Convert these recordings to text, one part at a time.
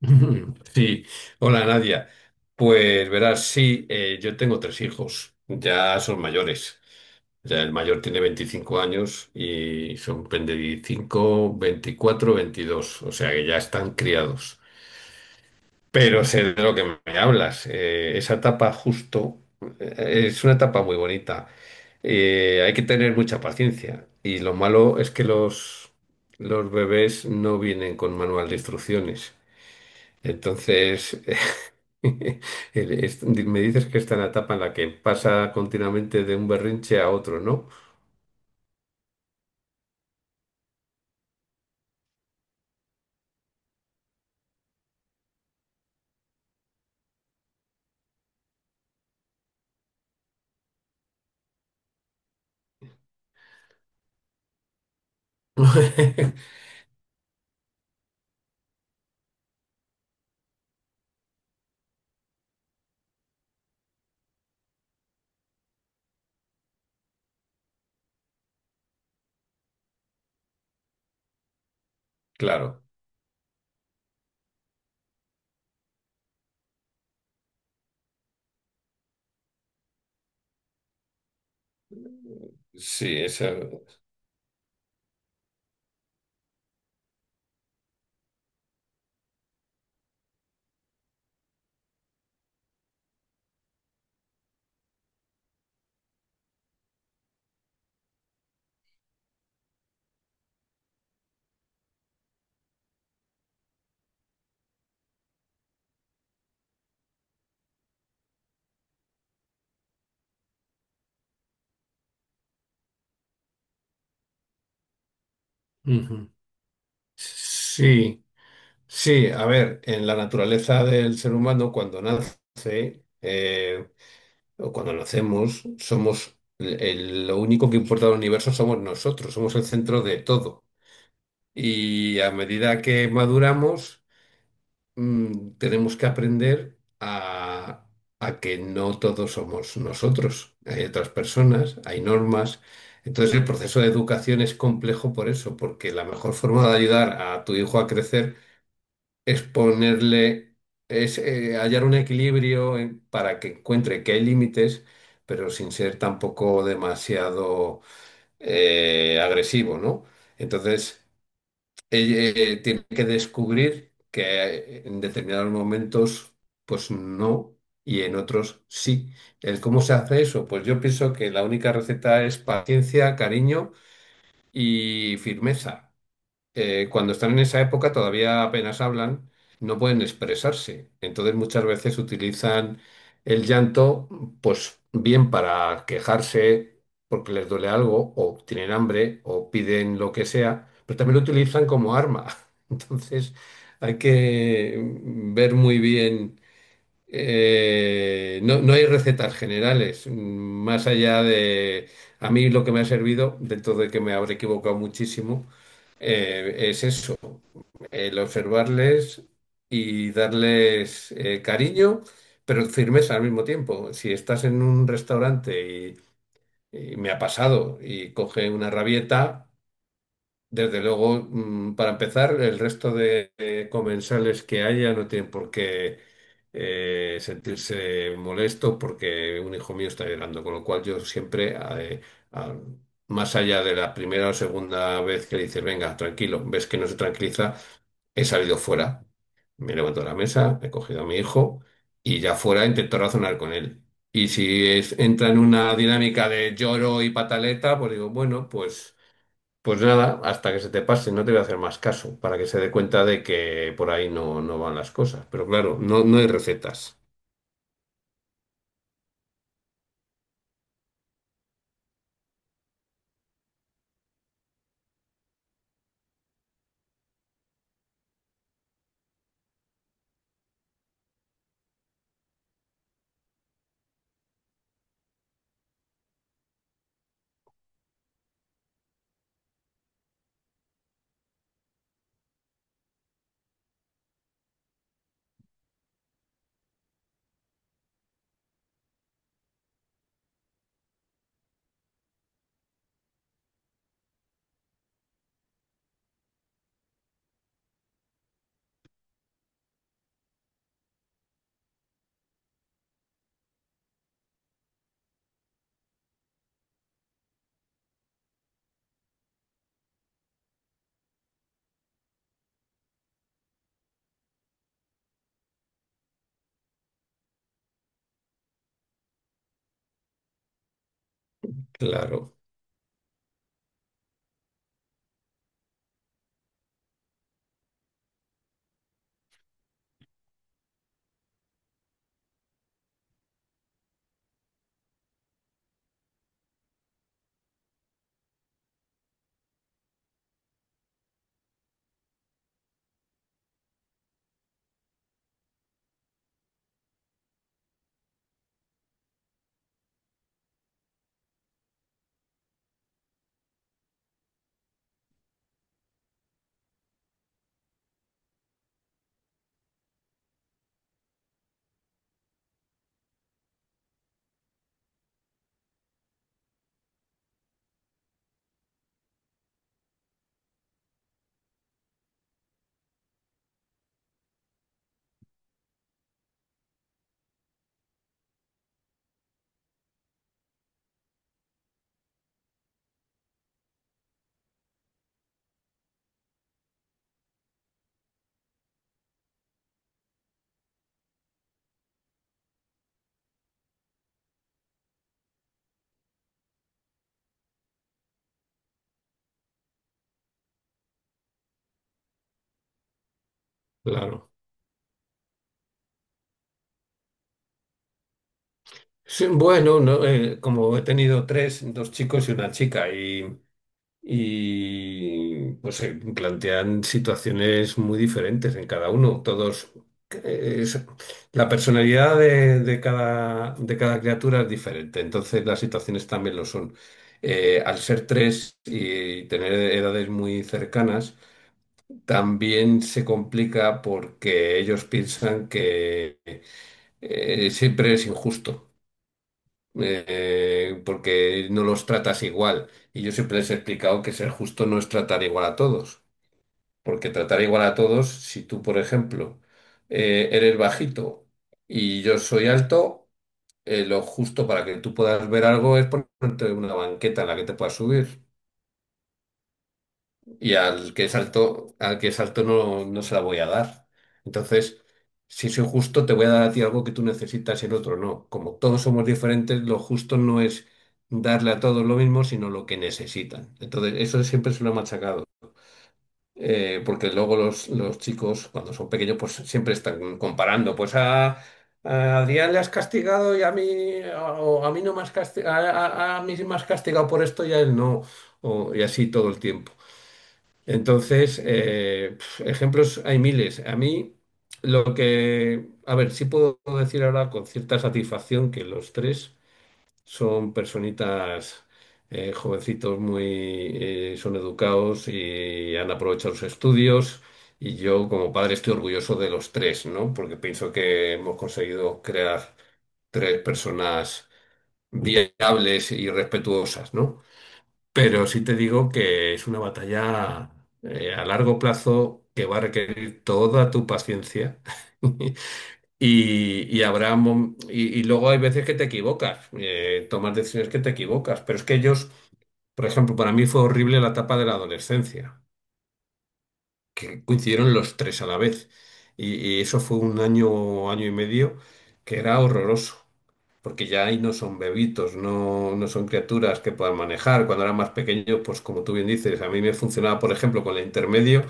Ujú, sí, hola Nadia. Pues verás, sí, yo tengo tres hijos, ya son mayores. Ya el mayor tiene 25 años y son 25, 24, 22. O sea que ya están criados. Pero sé de lo que me hablas. Esa etapa justo es una etapa muy bonita. Hay que tener mucha paciencia y lo malo es que los bebés no vienen con manual de instrucciones. Entonces, me dices que está en la etapa en la que pasa continuamente de un berrinche a otro, ¿no? Claro, sí, esa... Ujú. Sí, sí, a ver, en la naturaleza del ser humano, cuando nace o cuando nacemos, somos lo único que importa al universo somos nosotros, somos el centro de todo. Y a medida que maduramos, tenemos que aprender a que no todos somos nosotros, hay otras personas, hay normas. Entonces el proceso de educación es complejo por eso, porque la mejor forma de ayudar a tu hijo a crecer es ponerle, es hallar un equilibrio para que encuentre que hay límites, pero sin ser tampoco demasiado agresivo, ¿no? Entonces tiene que descubrir que en determinados momentos, pues no, y en otros sí. ¿El cómo se hace eso? Pues yo pienso que la única receta es paciencia, cariño y firmeza cuando están en esa época todavía apenas hablan, no pueden expresarse. Entonces muchas veces utilizan el llanto, pues bien para quejarse porque les duele algo, o tienen hambre, o piden lo que sea, pero también lo utilizan como arma. Entonces hay que ver muy bien. No, no hay recetas generales, más allá de... A mí lo que me ha servido, dentro de que me habré equivocado muchísimo, es eso, el observarles y darles cariño, pero firmeza al mismo tiempo. Si estás en un restaurante y me ha pasado y coge una rabieta, desde luego, para empezar, el resto de comensales que haya no tienen por qué sentirse molestos porque un hijo mío está llorando, con lo cual yo siempre, eh, a- más allá de la primera o segunda vez que le dices, venga, tranquilo, ves que no se tranquiliza, he salido fuera, me levanto de la mesa, he cogido a mi hijo y ya fuera intento razonar con él. Y si es- Entra en una dinámica de lloro y pataleta, pues digo, bueno, pues... Pues nada, hasta que se te pase, no te voy a hacer más caso, para que se dé cuenta de que por ahí no, no van las cosas. Pero claro, no, no hay recetas. Claro, claro. Sí, bueno, no, como he tenido tres, dos chicos y una chica, y pues se plantean situaciones muy diferentes en cada uno. Todos eh, es- la personalidad de cada criatura es diferente, entonces las situaciones también lo son. Al ser tres y tener edades muy cercanas, también se complica porque ellos piensan que siempre es injusto porque no los tratas igual. Y yo siempre les he explicado que ser justo no es tratar igual a todos, porque tratar igual a todos, si tú, por ejemplo, eres bajito y yo soy alto, lo justo para que tú puedas ver algo es ponerte una banqueta en la que te puedas subir. Y al que es alto, no, no se la voy a dar. Entonces, si soy justo, te voy a dar a ti algo que tú necesitas y el otro no. Como todos somos diferentes, lo justo no es darle a todos lo mismo, sino lo que necesitan. Entonces, eso siempre se lo he machacado. Porque luego los chicos, cuando son pequeños, pues siempre están comparando. Pues a Adrián le has castigado y a mí, o a mí no me has castigado, a mí sí me has castigado por esto y a él no. O- y así todo el tiempo. Entonces, ejemplos hay miles. A mí, lo que, a ver, sí puedo decir ahora con cierta satisfacción que los tres son personitas, jovencitos muy, son educados y han aprovechado sus estudios. Y yo, como padre, estoy orgulloso de los tres, ¿no? Porque pienso que hemos conseguido crear tres personas viables y respetuosas, ¿no? Pero sí te digo que es una batalla a largo plazo que va a requerir toda tu paciencia. Y, y luego hay veces que te equivocas, tomas decisiones que te equivocas. Pero es que ellos, por ejemplo, para mí fue horrible la etapa de la adolescencia, que coincidieron los tres a la vez. Y eso fue un año, año y medio, que era horroroso porque ya ahí no son bebitos, no, no son criaturas que puedan manejar. Cuando eran más pequeños, pues como tú bien dices, a mí me funcionaba, por ejemplo, con el intermedio,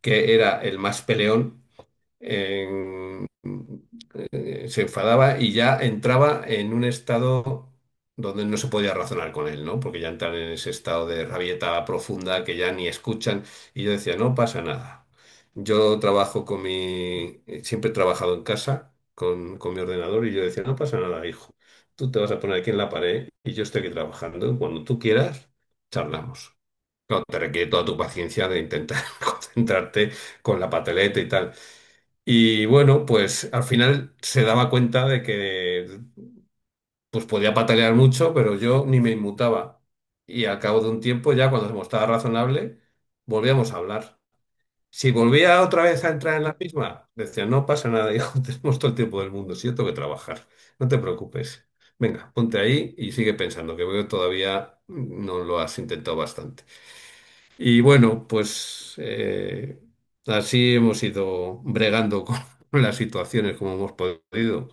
que era el más peleón en- se enfadaba y ya entraba en un estado donde no se podía razonar con él, ¿no? Porque ya entran en ese estado de rabieta profunda que ya ni escuchan. Y yo decía, no pasa nada. Yo trabajo con mi... Siempre he trabajado en casa con mi ordenador y yo decía, no pasa nada, hijo. Tú te vas a poner aquí en la pared y yo estoy aquí trabajando. Cuando tú quieras, charlamos. Claro, te requiere toda tu paciencia de intentar concentrarte con la pateleta y tal. Y bueno, pues al final se daba cuenta de que pues podía patalear mucho, pero yo ni me inmutaba. Y al cabo de un tiempo, ya cuando se mostraba razonable, volvíamos a hablar. Si volvía otra vez a entrar en la misma, decía, no pasa nada, hijo, tenemos todo el tiempo del mundo, si yo tengo que trabajar, no te preocupes. Venga, ponte ahí y sigue pensando, que veo que todavía no lo has intentado bastante. Y bueno, pues así hemos ido bregando con las situaciones como hemos podido.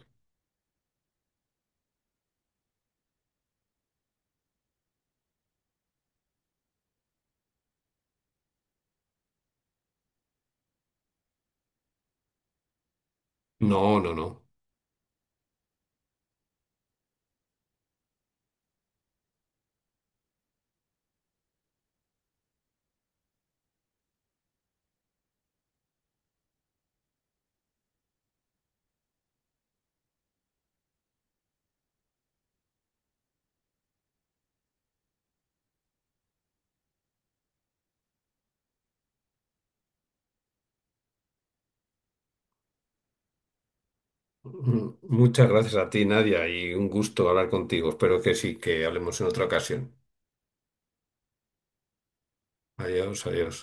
No, no, no. Mm, muchas gracias a ti, Nadia, y un gusto hablar contigo. Espero que sí, que hablemos en otra ocasión. Adiós, adiós.